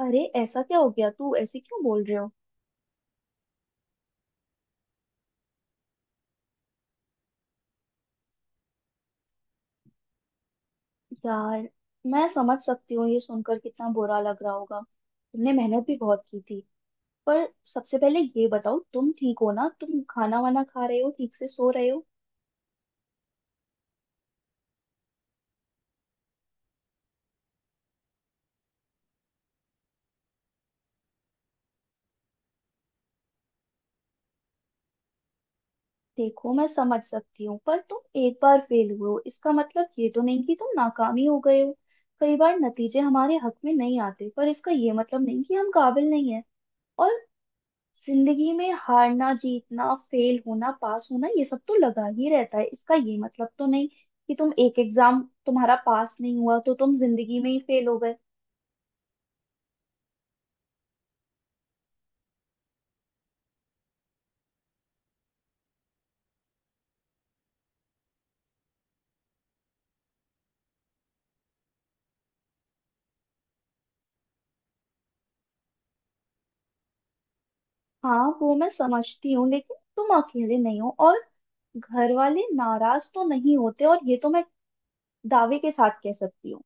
अरे ऐसा क्या हो गया? तू ऐसे क्यों बोल रहे हो? यार, मैं समझ सकती हूँ ये सुनकर कितना बुरा लग रहा होगा। तुमने मेहनत भी बहुत की थी। पर सबसे पहले ये बताओ, तुम ठीक हो ना? तुम खाना वाना खा रहे हो? ठीक से सो रहे हो? देखो, मैं समझ सकती हूँ पर तुम एक बार फेल हुए हो इसका मतलब ये तो नहीं कि तुम नाकामी हो गए हो। कई बार नतीजे हमारे हक में नहीं आते पर इसका ये मतलब नहीं कि हम काबिल नहीं है। जिंदगी में हारना जीतना फेल होना पास होना ये सब तो लगा ही रहता है। इसका ये मतलब तो नहीं कि तुम एक एग्जाम तुम्हारा पास नहीं हुआ तो तुम जिंदगी में ही फेल हो गए। हाँ, वो मैं समझती हूँ लेकिन तुम अकेले नहीं हो। और घर वाले नाराज तो नहीं होते, और ये तो मैं दावे के साथ कह सकती हूँ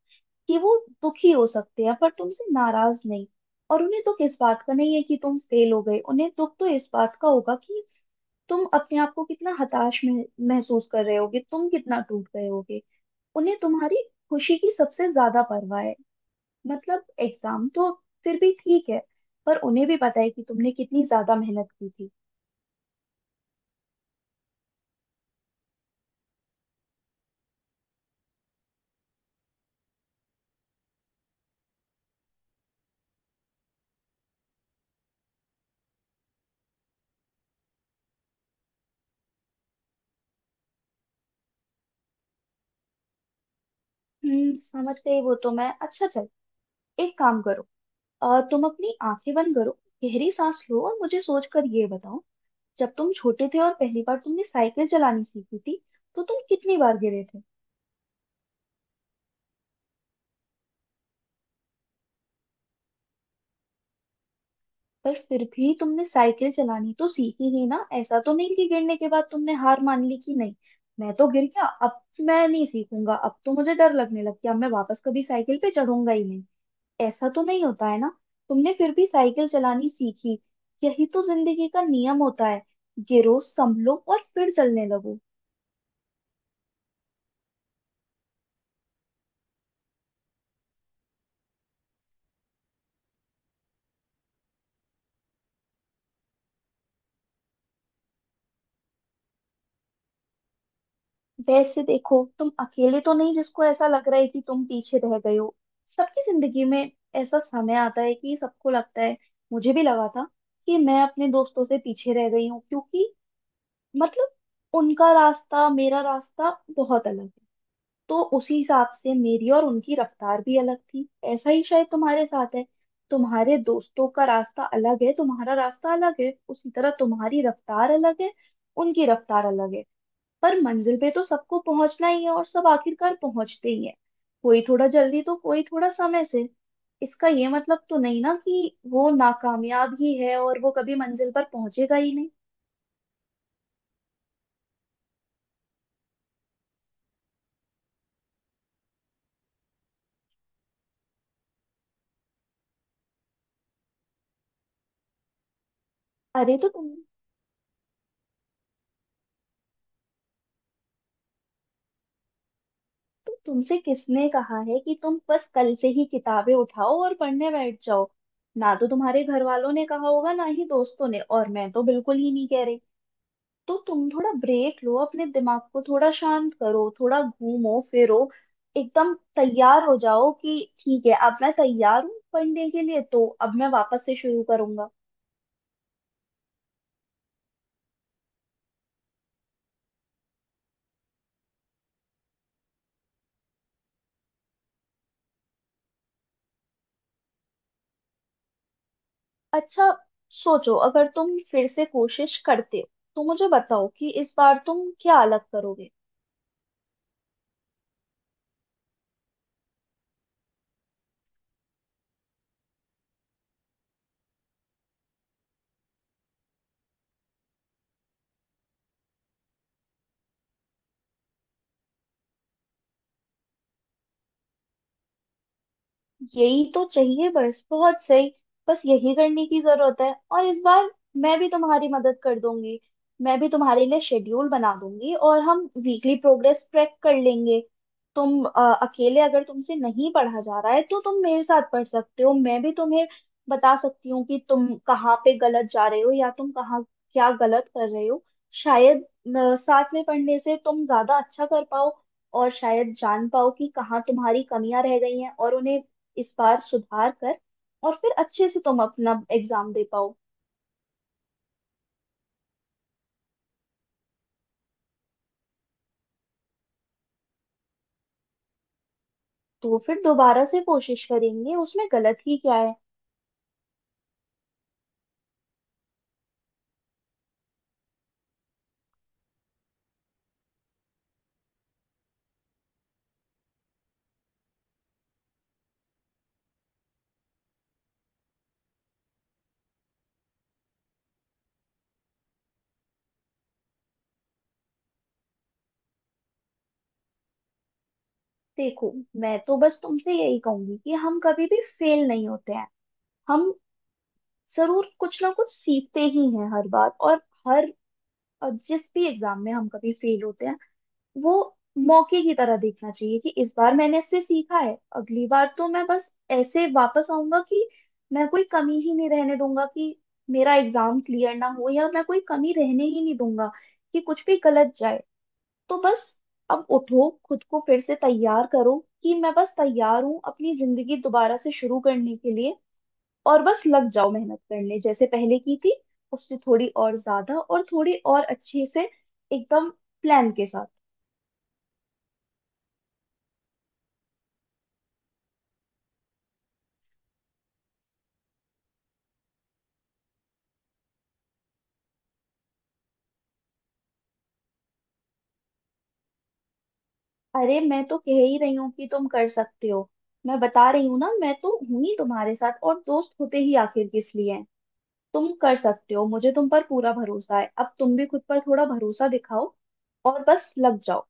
कि वो दुखी हो सकते हैं पर तुमसे नाराज नहीं। और उन्हें दुख इस बात का नहीं है कि तुम फेल हो गए, उन्हें दुख तो इस बात का होगा कि तुम अपने आप को कितना हताश महसूस कर रहे होगे, तुम कितना टूट गए होगे। उन्हें तुम्हारी खुशी की सबसे ज्यादा परवाह है। मतलब एग्जाम तो फिर भी ठीक है, पर उन्हें भी पता है कि तुमने कितनी ज्यादा मेहनत की थी। समझ गई। वो तो मैं, अच्छा चल एक काम करो, तुम अपनी आंखें बंद करो, गहरी सांस लो और मुझे सोचकर ये बताओ, जब तुम छोटे थे और पहली बार तुमने साइकिल चलानी सीखी थी तो तुम कितनी बार गिरे थे? पर फिर भी तुमने साइकिल चलानी तो सीखी ही ना। ऐसा तो नहीं कि गिरने के बाद तुमने हार मान ली कि नहीं, मैं तो गिर गया, अब मैं नहीं सीखूंगा, अब तो मुझे डर लगने लग गया, अब मैं वापस कभी साइकिल पे चढ़ूंगा ही नहीं। ऐसा तो नहीं होता है ना। तुमने फिर भी साइकिल चलानी सीखी। यही तो जिंदगी का नियम होता है, गिरो, संभलो और फिर चलने लगो। वैसे देखो, तुम अकेले तो नहीं जिसको ऐसा लग रहा है कि तुम पीछे रह गए हो। सबकी जिंदगी में ऐसा समय आता है कि सबको लगता है। मुझे भी लगा था कि मैं अपने दोस्तों से पीछे रह गई हूँ, क्योंकि मतलब उनका रास्ता, मेरा रास्ता बहुत अलग है। तो उसी हिसाब से मेरी और उनकी रफ्तार भी अलग थी। ऐसा ही शायद तुम्हारे साथ है, तुम्हारे दोस्तों का रास्ता अलग है, तुम्हारा रास्ता अलग है, उसी तरह तुम्हारी रफ्तार अलग है, उनकी रफ्तार अलग है। पर मंजिल पे तो सबको पहुंचना ही है, और सब आखिरकार पहुंचते ही है। कोई थोड़ा जल्दी तो कोई थोड़ा समय से। इसका ये मतलब तो नहीं ना कि वो नाकामयाब ही है और वो कभी मंजिल पर पहुंचेगा ही नहीं। अरे तो तुम तो तुमसे किसने कहा है कि तुम बस कल से ही किताबें उठाओ और पढ़ने बैठ जाओ? ना तो तुम्हारे घर वालों ने कहा होगा, ना ही दोस्तों ने, और मैं तो बिल्कुल ही नहीं कह रही। तो तुम थोड़ा ब्रेक लो, अपने दिमाग को थोड़ा शांत करो, थोड़ा घूमो फिरो, एकदम तैयार हो जाओ कि ठीक है, अब मैं तैयार हूँ पढ़ने के लिए, तो अब मैं वापस से शुरू करूंगा। अच्छा, सोचो अगर तुम फिर से कोशिश करते हो तो मुझे बताओ कि इस बार तुम क्या अलग करोगे? यही तो चाहिए, बस बहुत सही। बस यही करने की जरूरत है, और इस बार मैं भी तुम्हारी मदद कर दूंगी। मैं भी तुम्हारे लिए शेड्यूल बना दूंगी और हम वीकली प्रोग्रेस ट्रैक कर लेंगे। तुम अकेले अगर तुमसे नहीं पढ़ा जा रहा है तो तुम मेरे साथ पढ़ सकते हो। मैं भी तुम्हें बता सकती हूँ कि तुम कहाँ पे गलत जा रहे हो या तुम कहाँ क्या गलत कर रहे हो। शायद साथ में पढ़ने से तुम ज्यादा अच्छा कर पाओ, और शायद जान पाओ कि कहाँ तुम्हारी कमियां रह गई हैं, और उन्हें इस बार सुधार कर और फिर अच्छे से तुम अपना एग्जाम दे पाओ। तो फिर दोबारा से कोशिश करेंगे, उसमें गलत ही क्या है? देखो, मैं तो बस तुमसे यही कहूंगी कि हम कभी भी फेल नहीं होते हैं। हम जरूर कुछ ना कुछ सीखते ही हैं हर बार। और हर और जिस भी एग्जाम में हम कभी फेल होते हैं वो मौके की तरह देखना चाहिए, कि इस बार मैंने इससे सीखा है, अगली बार तो मैं बस ऐसे वापस आऊंगा कि मैं कोई कमी ही नहीं रहने दूंगा कि मेरा एग्जाम क्लियर ना हो, या मैं कोई कमी रहने ही नहीं दूंगा कि कुछ भी गलत जाए। तो बस, अब उठो, खुद को फिर से तैयार करो कि मैं बस तैयार हूँ अपनी जिंदगी दोबारा से शुरू करने के लिए, और बस लग जाओ मेहनत करने जैसे पहले की थी, उससे थोड़ी और ज्यादा और थोड़ी और अच्छे से, एकदम प्लान के साथ। अरे, मैं तो कह ही रही हूँ कि तुम कर सकते हो। मैं बता रही हूँ ना, मैं तो हूं ही तुम्हारे साथ, और दोस्त होते ही आखिर किस लिए हैं? तुम कर सकते हो, मुझे तुम पर पूरा भरोसा है, अब तुम भी खुद पर थोड़ा भरोसा दिखाओ और बस लग जाओ।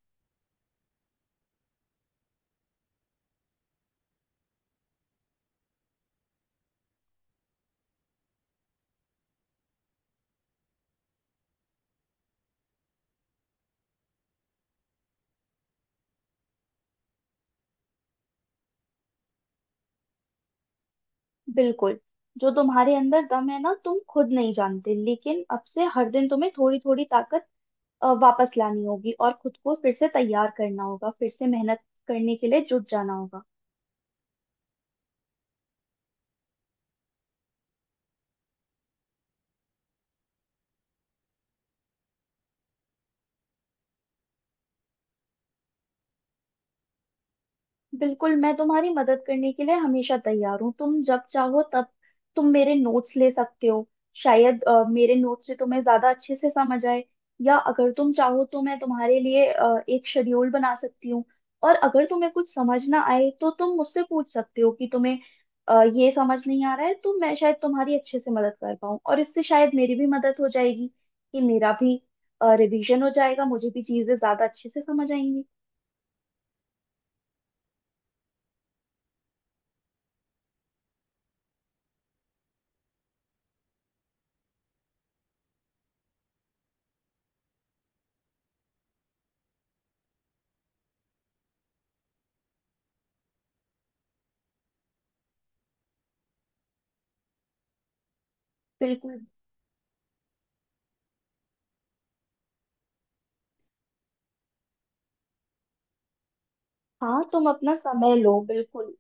बिल्कुल। जो तुम्हारे अंदर दम है ना, तुम खुद नहीं जानते, लेकिन अब से हर दिन तुम्हें थोड़ी थोड़ी ताकत वापस लानी होगी और खुद को फिर से तैयार करना होगा, फिर से मेहनत करने के लिए जुट जाना होगा। बिल्कुल, मैं तुम्हारी मदद करने के लिए हमेशा तैयार हूँ, तुम जब चाहो तब तुम मेरे नोट्स ले सकते हो। शायद मेरे नोट्स से तुम्हें ज्यादा अच्छे से समझ आए। या अगर तुम चाहो तो मैं तुम्हारे लिए एक शेड्यूल बना सकती हूँ। और अगर तुम्हें कुछ समझ ना आए तो तुम मुझसे पूछ सकते हो कि तुम्हें ये समझ नहीं आ रहा है, तो मैं शायद तुम्हारी अच्छे से मदद कर पाऊँ, और इससे शायद मेरी भी मदद हो जाएगी कि मेरा भी रिवीजन हो जाएगा, मुझे भी चीजें ज्यादा अच्छे से समझ आएंगी। बिल्कुल। हाँ, तुम अपना समय लो बिल्कुल।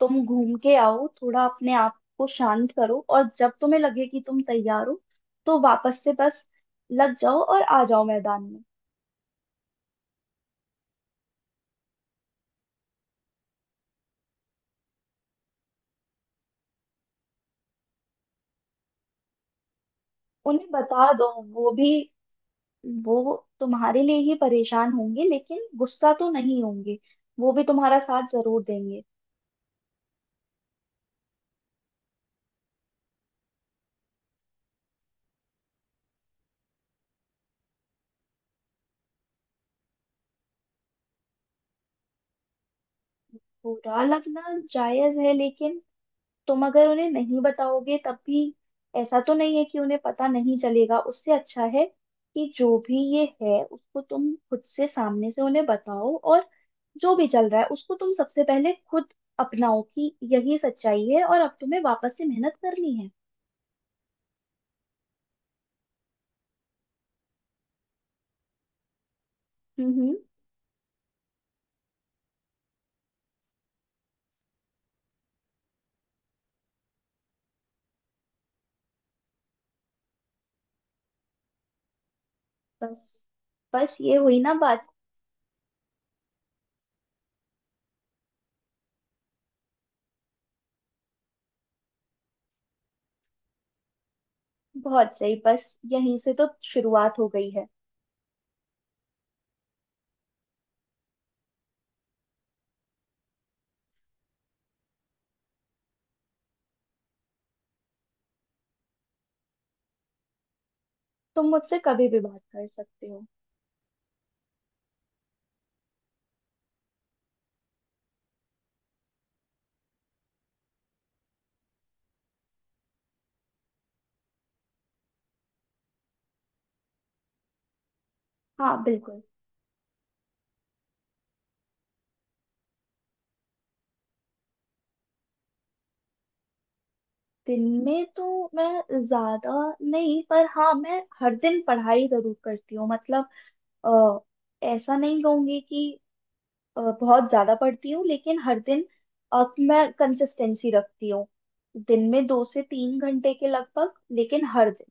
तुम घूम के आओ, थोड़ा अपने आप को शांत करो, और जब तुम्हें लगे कि तुम तैयार हो तो वापस से बस लग जाओ और आ जाओ मैदान में। उन्हें बता दो। वो भी वो तुम्हारे लिए ही परेशान होंगे, लेकिन गुस्सा तो नहीं होंगे। वो भी तुम्हारा साथ जरूर देंगे। बुरा लगना जायज है, लेकिन तुम अगर उन्हें नहीं बताओगे तब भी ऐसा तो नहीं है कि उन्हें पता नहीं चलेगा। उससे अच्छा है कि जो भी ये है उसको तुम खुद से, सामने से उन्हें बताओ, और जो भी चल रहा है उसको तुम सबसे पहले खुद अपनाओ कि यही सच्चाई है, और अब तुम्हें वापस से मेहनत करनी है। हम्म। बस बस ये हुई ना बात। बहुत सही, बस यहीं से तो शुरुआत हो गई है। तुम मुझसे कभी भी बात कर सकते हो। हाँ बिल्कुल। दिन में तो मैं ज्यादा नहीं, पर हाँ, मैं हर दिन पढ़ाई जरूर करती हूँ। मतलब, अ, ऐसा नहीं कहूंगी कि बहुत ज्यादा पढ़ती हूँ, लेकिन हर दिन मैं कंसिस्टेंसी रखती हूँ। दिन में 2 से 3 घंटे के लगभग, लेकिन हर दिन।